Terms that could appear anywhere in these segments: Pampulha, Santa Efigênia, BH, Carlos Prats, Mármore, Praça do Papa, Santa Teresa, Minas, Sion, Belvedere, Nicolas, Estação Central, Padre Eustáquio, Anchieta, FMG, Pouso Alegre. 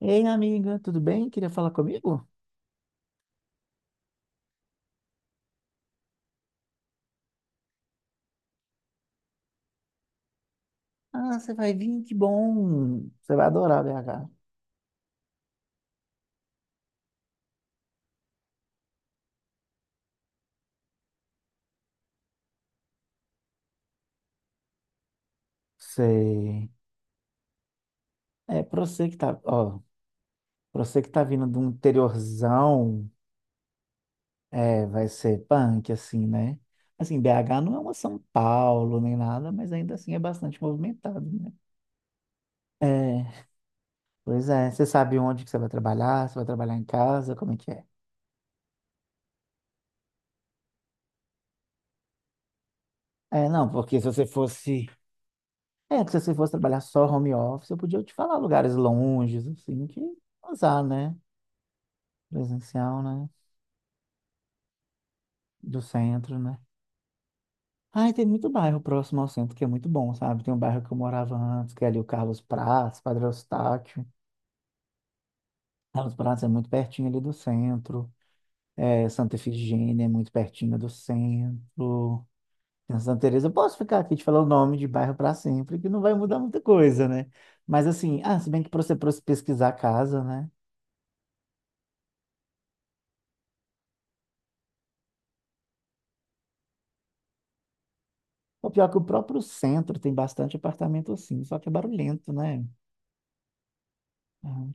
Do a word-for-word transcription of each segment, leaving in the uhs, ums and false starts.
Ei, amiga, tudo bem? Queria falar comigo? Ah, você vai vir, que bom. Você vai adorar B H. Sei. É, pra você que tá, ó, pra você que tá vindo de um interiorzão, é, vai ser punk, assim, né? Assim, B H não é uma São Paulo nem nada, mas ainda assim é bastante movimentado, né? É, pois é. Você sabe onde que você vai trabalhar? Você vai trabalhar em casa? Como é que é? É, não, porque se você fosse É, que se você fosse trabalhar só home office, eu podia te falar lugares longes, assim, que usar, né? Presencial, né? Do centro, né? Ai, tem muito bairro próximo ao centro que é muito bom, sabe? Tem um bairro que eu morava antes, que é ali o Carlos Prats, Padre Eustáquio. Carlos Prats é muito pertinho ali do centro. É, Santa Efigênia é muito pertinho do centro. Tem Santa Teresa, eu posso ficar aqui te falar o nome de bairro para sempre, que não vai mudar muita coisa, né? Mas assim, ah, se bem que para você pros- pesquisar a casa, né? O pior é que o próprio centro tem bastante apartamento assim, só que é barulhento, né? Aham.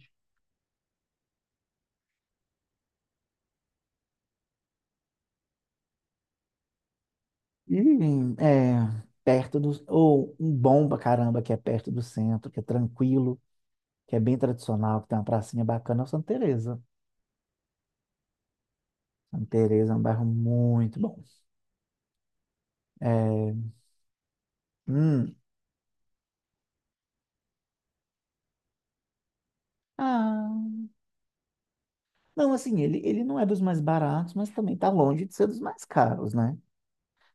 E é, perto do. Ou um bom pra caramba que é perto do centro, que é tranquilo, que é bem tradicional, que tem uma pracinha bacana, é o Santa Teresa. Santa Teresa é um bairro muito bom. É, hum, ah, não, assim, ele, ele não é dos mais baratos, mas também tá longe de ser dos mais caros, né?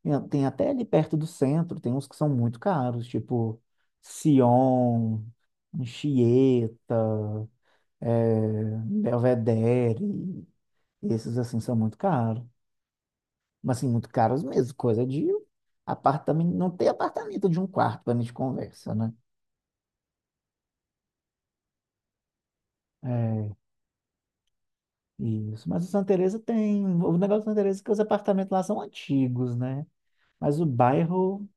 Tem tem até ali perto do centro, tem uns que são muito caros, tipo Sion, Anchieta, eh, Belvedere, esses assim são muito caros. Mas assim, muito caros mesmo, coisa de apartamento, não tem apartamento de um quarto para a gente conversa, né? É, isso. Mas o Santa Teresa tem, o negócio do Santa Teresa é que os apartamentos lá são antigos, né? Mas o bairro,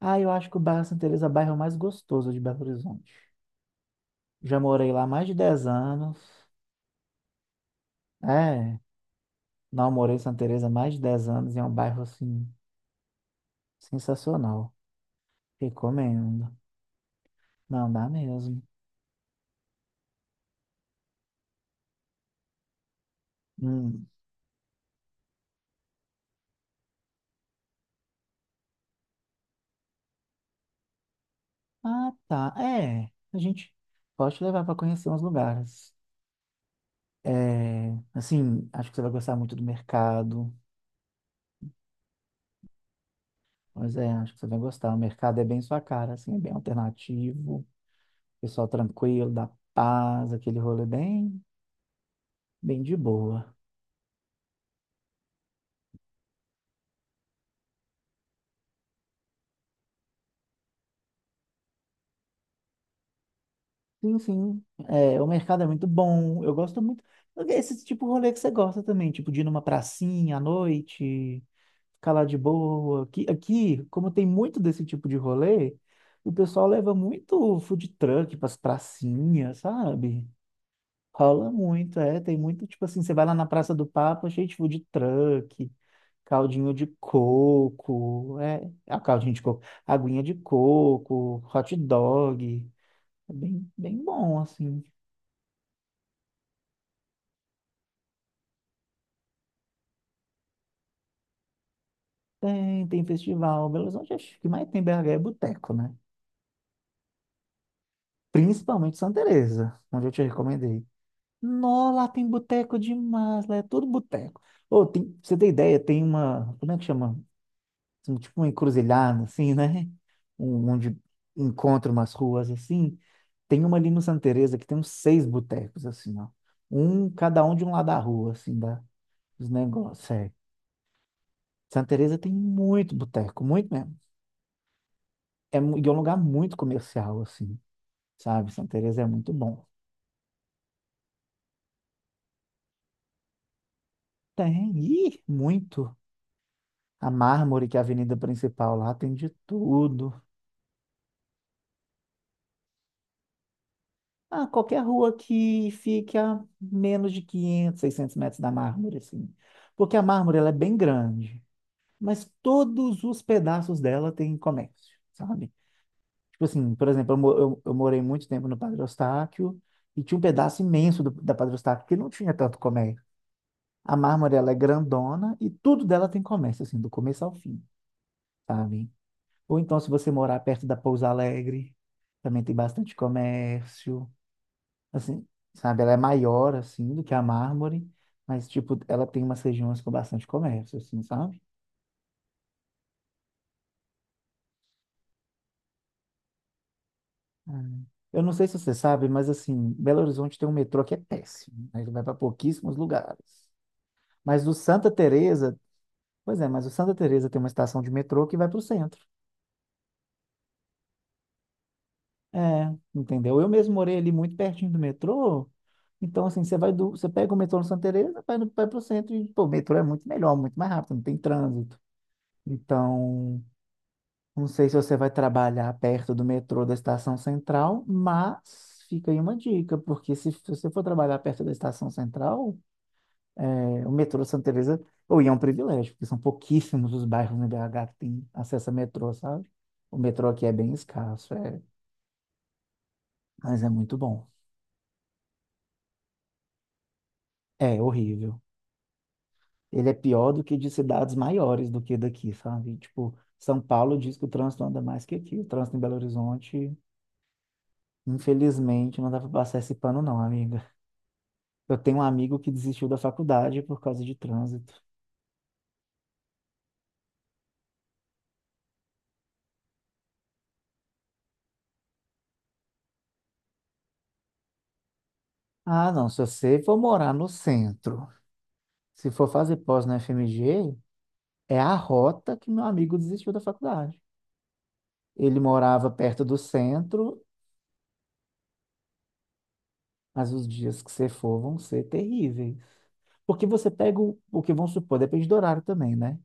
ah, eu acho que o bairro Santa Teresa é o bairro mais gostoso de Belo Horizonte. Já morei lá mais de dez anos. É, não morei em Santa Teresa mais de dez anos e é um bairro assim sensacional. Recomendo. Não dá mesmo. Hum. Ah, tá. É, a gente pode te levar para conhecer uns lugares. É, assim, acho que você vai gostar muito do mercado. Pois é, acho que você vai gostar. O mercado é bem sua cara, assim, é bem alternativo, pessoal tranquilo, da paz, aquele rolê bem, bem de boa. Sim, sim. É, o mercado é muito bom. Eu gosto muito. Esse tipo de rolê que você gosta também, tipo de ir numa pracinha à noite, ficar lá de boa. Aqui, aqui, como tem muito desse tipo de rolê, o pessoal leva muito food truck pras pracinhas, sabe? Rola muito, é. Tem muito, tipo assim, você vai lá na Praça do Papa, cheio de food truck, caldinho de coco, é, a caldinho de coco, aguinha de coco, hot dog. É bem, bem bom, assim. Tem, tem festival. Belo Horizonte, acho que o que mais tem B H é boteco, né? Principalmente Santa Teresa, onde eu te recomendei. Nó, lá tem boteco demais, lá é tudo boteco. Ô, tem, pra você ter ideia, tem uma, como é que chama? Assim, Tipo uma encruzilhada, assim, né? Um, onde encontra umas ruas, assim. Tem uma ali no Santa Teresa que tem uns seis botecos, assim, ó. Um, cada um de um lado da rua, assim, da, dos negócios, é. Santa Teresa tem muito boteco, muito mesmo. É, mu- e é um lugar muito comercial, assim. Sabe? Santa Teresa é muito bom. Tem, e muito. A Mármore, que é a avenida principal lá, tem de tudo. Ah, qualquer rua que fique a menos de quinhentos, seiscentos metros da Mármore, assim. Porque a Mármore, ela é bem grande, mas todos os pedaços dela tem comércio, sabe? Tipo assim, por exemplo, eu, mo- eu, eu morei muito tempo no Padre Eustáquio e tinha um pedaço imenso do, da Padre Eustáquio que não tinha tanto comércio. A Mármore, ela é grandona e tudo dela tem comércio, assim, do começo ao fim. Sabe? Ou então, se você morar perto da Pouso Alegre, também tem bastante comércio. Assim, sabe? Ela é maior, assim, do que a Mármore, mas, tipo, ela tem umas regiões com bastante comércio, assim, sabe? Hum. Eu não sei se você sabe, mas, assim, Belo Horizonte tem um metrô que é péssimo. Né? Ele vai para pouquíssimos lugares. Mas o Santa Teresa, pois é, mas o Santa Teresa tem uma estação de metrô que vai para o centro. É, entendeu? Eu mesmo morei ali muito pertinho do metrô. Então, assim, você vai do, você pega o metrô no Santa Teresa, vai, no, vai pro centro e, pô, o metrô é muito melhor, muito mais rápido, não tem trânsito. Então, não sei se você vai trabalhar perto do metrô da Estação Central, mas fica aí uma dica, porque se, f- você for trabalhar perto da Estação Central, é, o metrô Santa Teresa, ou e é um privilégio, porque são pouquíssimos os bairros no B H que têm acesso a metrô, sabe? O metrô aqui é bem escasso, é, mas é muito bom. É horrível. ele é pior do que de cidades maiores do que daqui, sabe? Tipo, São Paulo diz que o trânsito anda mais que aqui. O trânsito em Belo Horizonte, infelizmente, não dá para passar esse pano, não, amiga. Eu tenho um amigo que desistiu da faculdade por causa de trânsito. Ah, não, se você for morar no centro, se for fazer pós na F M G, é a rota que meu amigo desistiu da faculdade. Ele morava perto do centro. Mas os dias que você for vão ser terríveis. Porque você pega o, o que vamos supor, depende do horário também, né?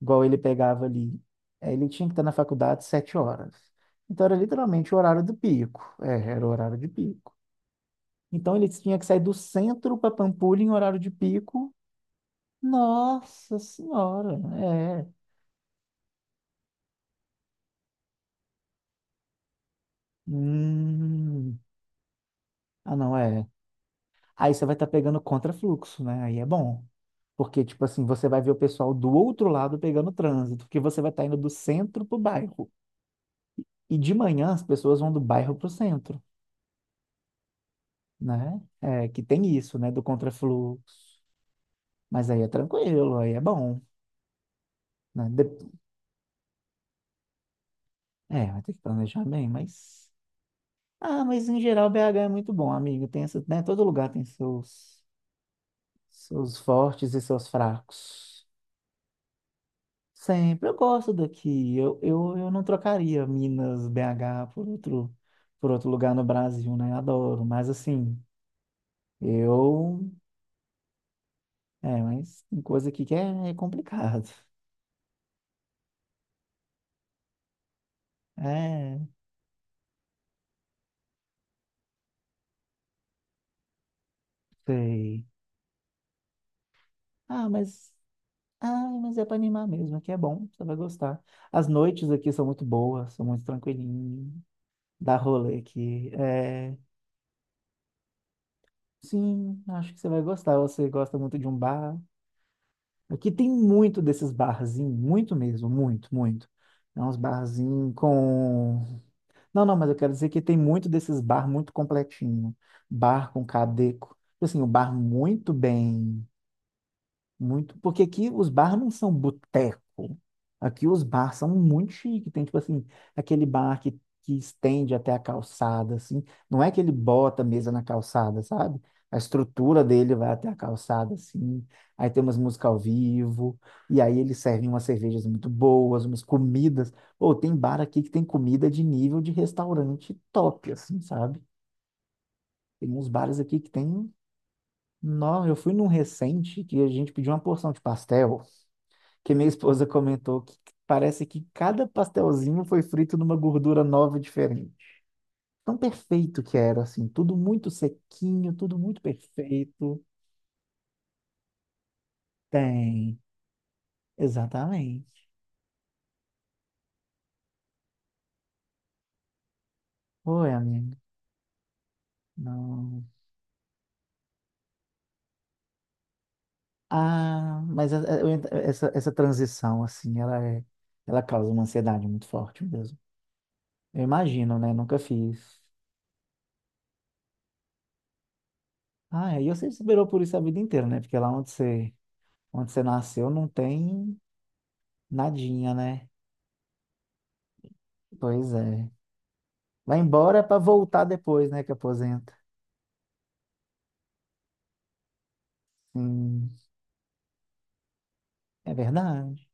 Igual ele pegava ali. eh, Ele tinha que estar na faculdade sete horas. Então era literalmente o horário do pico. É, era o horário de pico. Então ele tinha que sair do centro para Pampulha em horário de pico. Nossa senhora, é. Hum. Ah, não, é. Aí você vai estar pegando contrafluxo, né? Aí é bom. Porque, tipo assim, você vai ver o pessoal do outro lado pegando trânsito, porque você vai estar indo do centro para o bairro. E de manhã as pessoas vão do bairro para o centro, né? É, que tem isso, né? Do contrafluxo. Mas aí é tranquilo, aí é bom, né? De- É, vai ter que planejar bem, mas... Ah, mas em geral B H é muito bom, amigo. Tem essa, né? Todo lugar tem seus, seus fortes e seus fracos. Sempre, eu gosto daqui. Eu, eu, eu não trocaria Minas, B H por outro, por outro, lugar no Brasil, né? Adoro, mas assim, eu. É, mas tem coisa aqui que é, é complicado. É, sei. Ah, mas. Ah, mas é pra animar mesmo, aqui é bom, você vai gostar. As noites aqui são muito boas, são muito tranquilinhas. Dá rolê aqui. É, sim, acho que você vai gostar. Você gosta muito de um bar. Aqui tem muito desses barzinhos, muito mesmo, muito, muito. É uns barzinhos com. Não, não, mas eu quero dizer que tem muito desses bar muito completinho. Bar com cadeco. Tipo Assim, um bar muito bem. Muito, porque aqui os bars não são boteco. Aqui os bars são muito chique. Tem, tipo assim, aquele bar que, que estende até a calçada, assim. Não é que ele bota a mesa na calçada, sabe? A estrutura dele vai até a calçada, assim. Aí tem umas músicas ao vivo. E aí eles servem umas cervejas muito boas, umas comidas. Ou tem bar aqui que tem comida de nível de restaurante top, assim, sabe? Tem uns bares aqui que tem... Não, eu fui num recente que a gente pediu uma porção de pastel que minha esposa comentou que parece que cada pastelzinho foi frito numa gordura nova e diferente. Tão perfeito que era, assim, tudo muito sequinho, tudo muito perfeito. Tem, exatamente. Oi, amigo. Não. Ah, mas a- a- eu ent- essa, essa transição, assim, ela é, ela causa uma ansiedade muito forte mesmo. Eu imagino, né? Nunca fiz. Ah, e você esperou por isso a vida inteira, né? Porque lá onde você, onde você nasceu não tem nadinha, né? Pois é. Vai embora para voltar depois, né, que aposenta. Sim, é verdade.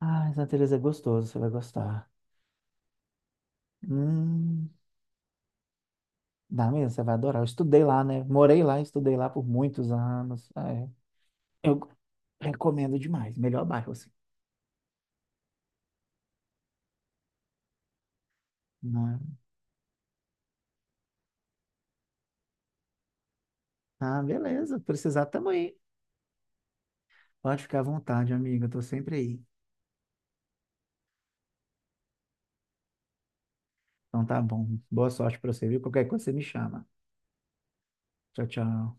Ah, Santa Teresa é gostoso, você vai gostar. Hum, Dá mesmo, você vai adorar. Eu estudei lá, né? Morei lá, estudei lá por muitos anos. Ah, é. Eu recomendo demais, melhor bairro assim. Né? Ah, beleza, precisar tamo aí. Pode ficar à vontade, amiga, eu tô sempre aí. Então tá bom. Boa sorte para você, viu? Qualquer coisa você me chama. Tchau, tchau.